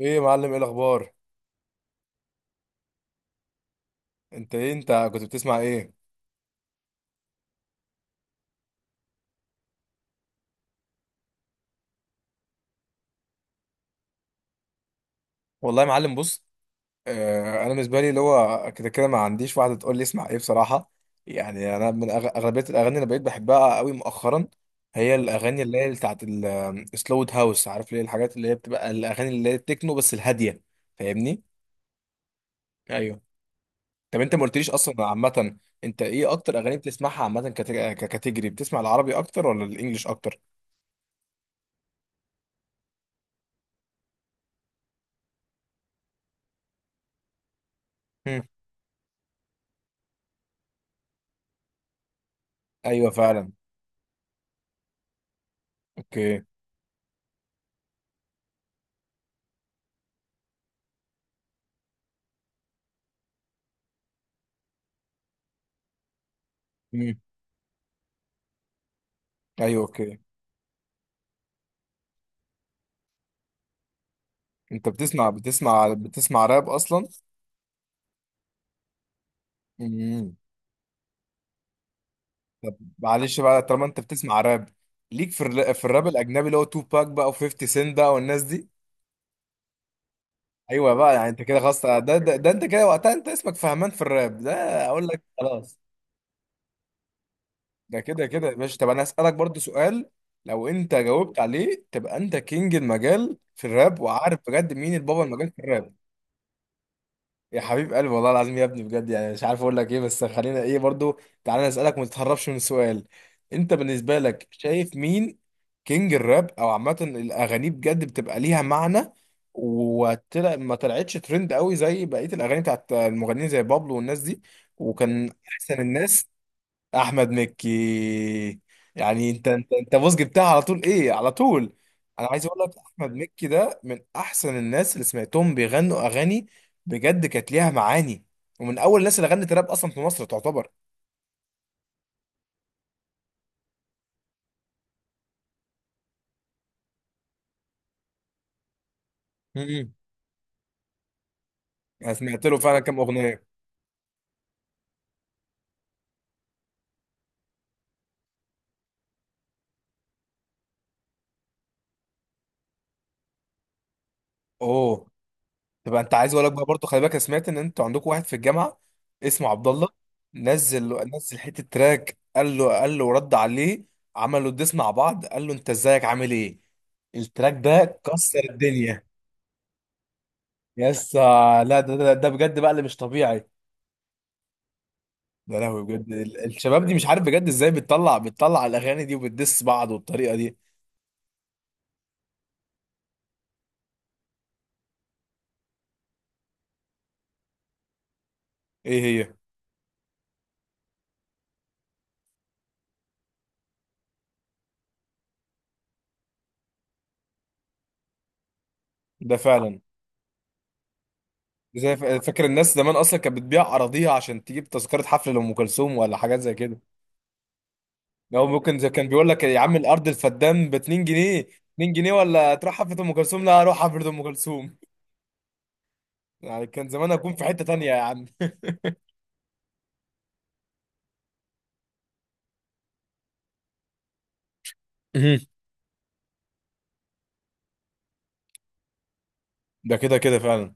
ايه يا معلم، ايه الاخبار؟ انت ايه، انت كنت بتسمع ايه؟ والله يا معلم، بص. انا بالنسبه لي اللي هو كده كده ما عنديش واحده تقول لي اسمع ايه بصراحه. يعني انا من اغلبيه الاغاني اللي بقيت بحبها قوي مؤخرا، هي الاغاني اللي هي بتاعت السلو هاوس، عارف ليه؟ الحاجات اللي هي بتبقى الاغاني اللي هي التكنو بس الهاديه، فاهمني؟ ايوه. طب انت ما قلتليش اصلا عامه، انت ايه اكتر اغاني بتسمعها عامه، ككاتيجري، بتسمع العربي اكتر ولا الانجليش اكتر؟ مم. ايوه فعلا. اوكي. مم. ايوه اوكي. انت بتسمع راب اصلا؟ امم. طب معلش بقى، طالما انت بتسمع راب، ليك في في الراب الاجنبي اللي هو تو باك بقى و50 سنت بقى والناس دي؟ ايوه بقى، يعني انت كده خلاص، ده انت كده وقتها، انت اسمك فهمان في الراب ده. اقول لك خلاص، ده كده كده يا باشا. طب انا اسالك برضو سؤال، لو انت جاوبت عليه تبقى انت كينج المجال في الراب، وعارف بجد مين البابا المجال في الراب؟ يا حبيب قلبي، والله العظيم يا ابني بجد، يعني مش عارف اقول لك ايه، بس خلينا ايه برضو، تعالى نسألك وما تتهربش من السؤال. انت بالنسبة لك شايف مين كينج الراب، او عامة الاغاني بجد بتبقى ليها معنى، وطلع ما طلعتش ترند قوي زي بقية الاغاني بتاعت المغنيين زي بابلو والناس دي، وكان احسن الناس؟ احمد مكي. يعني انت بص جبتها على طول، ايه على طول. انا عايز اقول لك احمد مكي ده من احسن الناس اللي سمعتهم بيغنوا اغاني، بجد كانت ليها معاني، ومن اول الناس اللي غنت راب اصلا في مصر تعتبر. مم. انا سمعت له فعلا كام اغنيه. اوه. تبقى انت، عايز اقول لك بقى برضه، خلي بالك انا سمعت ان انتوا عندكم واحد في الجامعه اسمه عبد الله، نزل حته تراك، قال له رد عليه، عملوا الديس مع بعض، قال له انت ازيك عامل ايه، التراك ده كسر الدنيا. يس لا، ده بجد بقى اللي مش طبيعي. ده لهوي بجد، الشباب دي مش عارف بجد ازاي بتطلع الاغاني دي وبتدس بعض بالطريقه دي. ايه هي؟ ده فعلا. زي فاكر الناس زمان اصلا كانت بتبيع اراضيها عشان تجيب تذكره حفله لام كلثوم ولا حاجات زي كده؟ لو ممكن زي كان بيقول لك يا عم الارض الفدان ب 2 جنيه، 2 جنيه ولا تروح حفله ام كلثوم؟ لا، اروح حفله ام كلثوم. يعني كان زمان اكون في حته تانية يا عم. مهم. ده كده كده فعلا.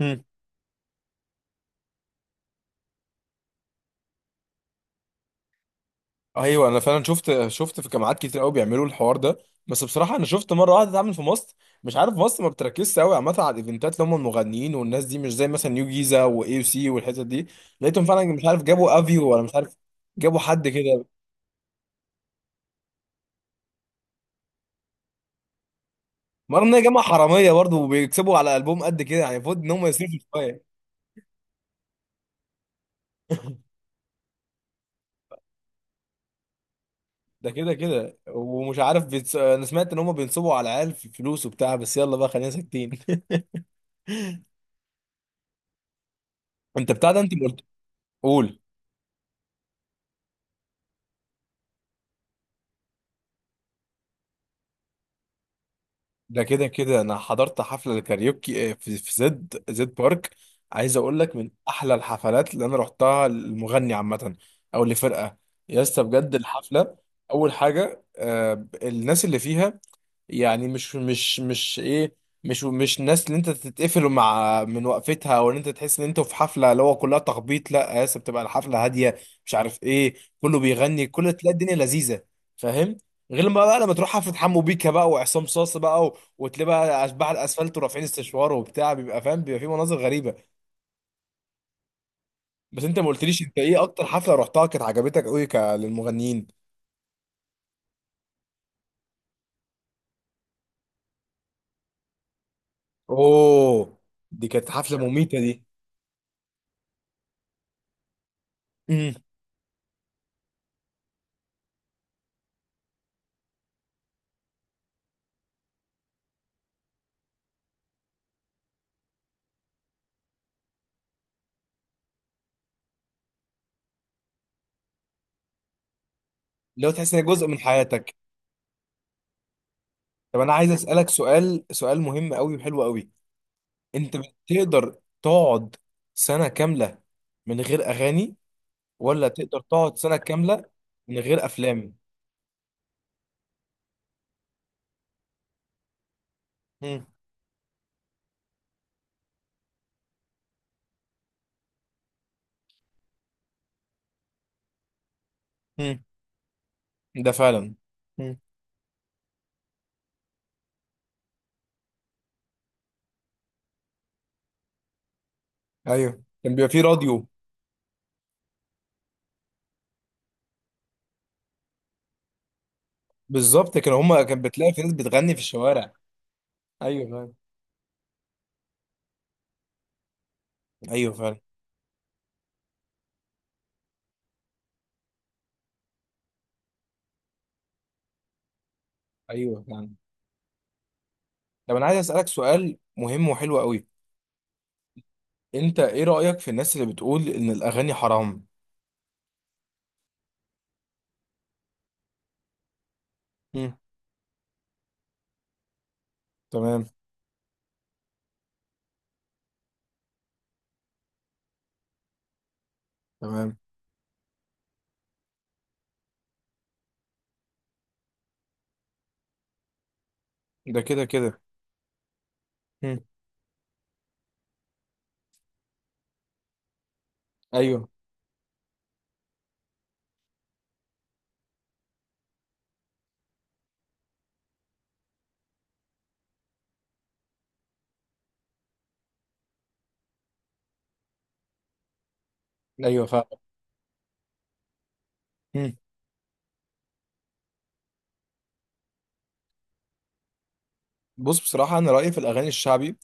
مهم. ايوه انا فعلا شفت في جامعات كتير قوي بيعملوا الحوار ده، بس بصراحه انا شفت مره واحده اتعمل في مصر. مش عارف، مصر ما بتركزش قوي عامه على الايفنتات اللي هم المغنيين والناس دي، مش زي مثلا نيو جيزه واي سي والحتت دي، لقيتهم فعلا مش عارف جابوا افيو ولا مش عارف جابوا حد كده. مرة ان هي جامعة حرامية برضه، وبيكسبوا على قلبهم قد كده، يعني المفروض ان هم يصرفوا شوية. ده كده كده. ومش عارف انا سمعت ان هم بينصبوا على العيال في فلوس وبتاع، بس يلا بقى خلينا ساكتين. انت بتاع ده، انت ما قلت. قول. ده كده كده، انا حضرت حفلة الكاريوكي في زد زد بارك. عايز اقول لك من احلى الحفلات اللي انا رحتها للمغني عامة، او لفرقة. يا اسطى بجد الحفلة، اول حاجة الناس اللي فيها، يعني مش ايه، مش الناس اللي انت تتقفل مع من وقفتها، او ان انت تحس ان انت في حفله اللي هو كلها تخبيط، لا يا اسطى، بتبقى الحفله هاديه، مش عارف ايه، كله بيغني، كله تلاقي الدنيا لذيذه، فاهم؟ غير ما بقى لما تروح حفله حمو بيكا بقى وعصام صاصا بقى وتلاقي بقى اشباح الاسفلت ورافعين استشوار وبتاع، بيبقى فاهم، بيبقى في مناظر غريبه. بس انت ما قلتليش، انت ايه اكتر حفله رحتها كانت عجبتك قوي للمغنيين؟ اوه، دي كانت حفله مميته دي. امم. لو تحس ان هي جزء من حياتك. طب انا عايز اسالك سؤال مهم قوي وحلو قوي، انت بتقدر تقعد سنه كامله من غير اغاني، ولا تقدر تقعد سنه كامله من غير افلام؟ مم. مم. ده فعلا. مم. ايوه كان بيبقى فيه راديو. بالظبط، كان هما كان بتلاقي في ناس بتغني في الشوارع. ايوه فعلا. ايوه فعلا. ايوه فعلا. طب انا عايز اسالك سؤال مهم وحلو قوي، انت ايه رايك في الناس اللي بتقول ان الاغاني حرام؟ مم. تمام. تمام. ده كده كده. مم. ايوه. ايوه فاهم. مم. بص بصراحه، انا رايي في الاغاني الشعبي،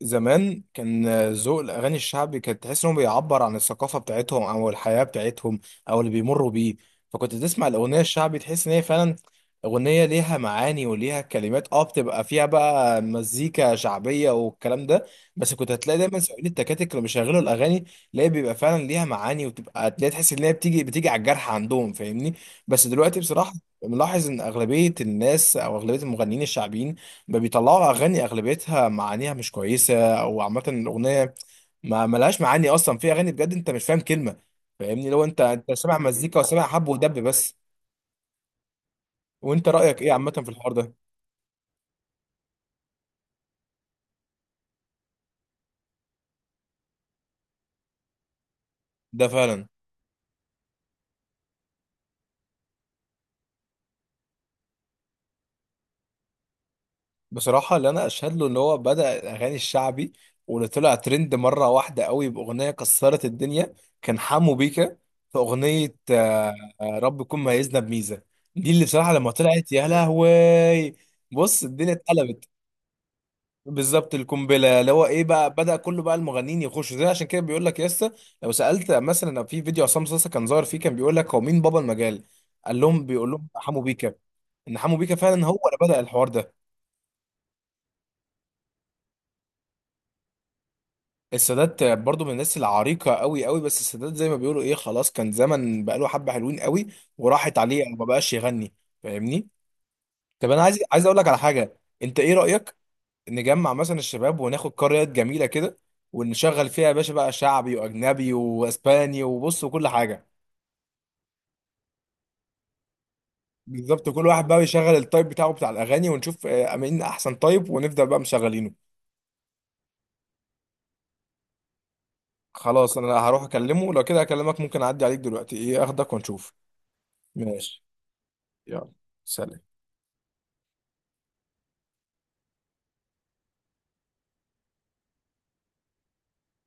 زمان كان ذوق الاغاني الشعبي كانت تحس انه بيعبر عن الثقافه بتاعتهم او الحياه بتاعتهم، او اللي بيمروا بيه، فكنت تسمع الاغنيه الشعبي تحس ان هي فعلا اغنيه ليها معاني وليها كلمات، بتبقى فيها بقى مزيكا شعبيه والكلام ده. بس كنت هتلاقي دايما سواقين التكاتك اللي بيشغلوا الاغاني، تلاقي بيبقى فعلا ليها معاني، وتبقى تلاقي، تحس ان هي بتيجي بتيجي على الجرح عندهم، فاهمني؟ بس دلوقتي بصراحه، ملاحظ ان اغلبيه الناس او اغلبيه المغنيين الشعبيين ما بيطلعوا اغاني اغلبيتها معانيها مش كويسه، او عامه الاغنيه ما ملهاش معاني اصلا، في اغاني بجد انت مش فاهم كلمه، فاهمني؟ لو انت سامع مزيكا وسامع حب ودب بس. وانت رايك ايه عامه في الحوار ده؟ ده فعلا. بصراحه اللي انا اشهد له ان هو بدا الاغاني الشعبي، واللي طلع ترند مره واحده قوي باغنيه كسرت الدنيا، كان حمو بيكا، في اغنيه رب يكون ميزنا بميزه، دي اللي بصراحه لما طلعت يا لهوي. بص الدنيا اتقلبت. بالظبط القنبله، اللي هو ايه بقى، بدا كله بقى المغنيين يخشوا زي، عشان كده بيقول لك يسا. لو سالت مثلا في فيديو عصام صاصا كان ظاهر فيه، كان بيقول لك هو مين بابا المجال، قال لهم بيقول لهم حمو بيكا، ان حمو بيكا فعلا هو اللي بدا الحوار ده. السادات برضو من الناس العريقه قوي قوي، بس السادات زي ما بيقولوا ايه، خلاص، كان زمن بقى له حبه حلوين قوي، وراحت عليه ما بقاش يغني، فاهمني؟ طب انا عايز اقول لك على حاجه، انت ايه رايك نجمع مثلا الشباب وناخد قريات جميله كده، ونشغل فيها يا باشا بقى شعبي واجنبي واسباني وبص وكل حاجه؟ بالظبط، كل واحد بقى يشغل التايب بتاعه بتاع الاغاني، ونشوف مين احسن تايب، ونبدا بقى مشغلينه. خلاص انا هروح اكلمه، لو كده هكلمك ممكن اعدي عليك دلوقتي ايه اخدك ونشوف. ماشي. يلا. سلام.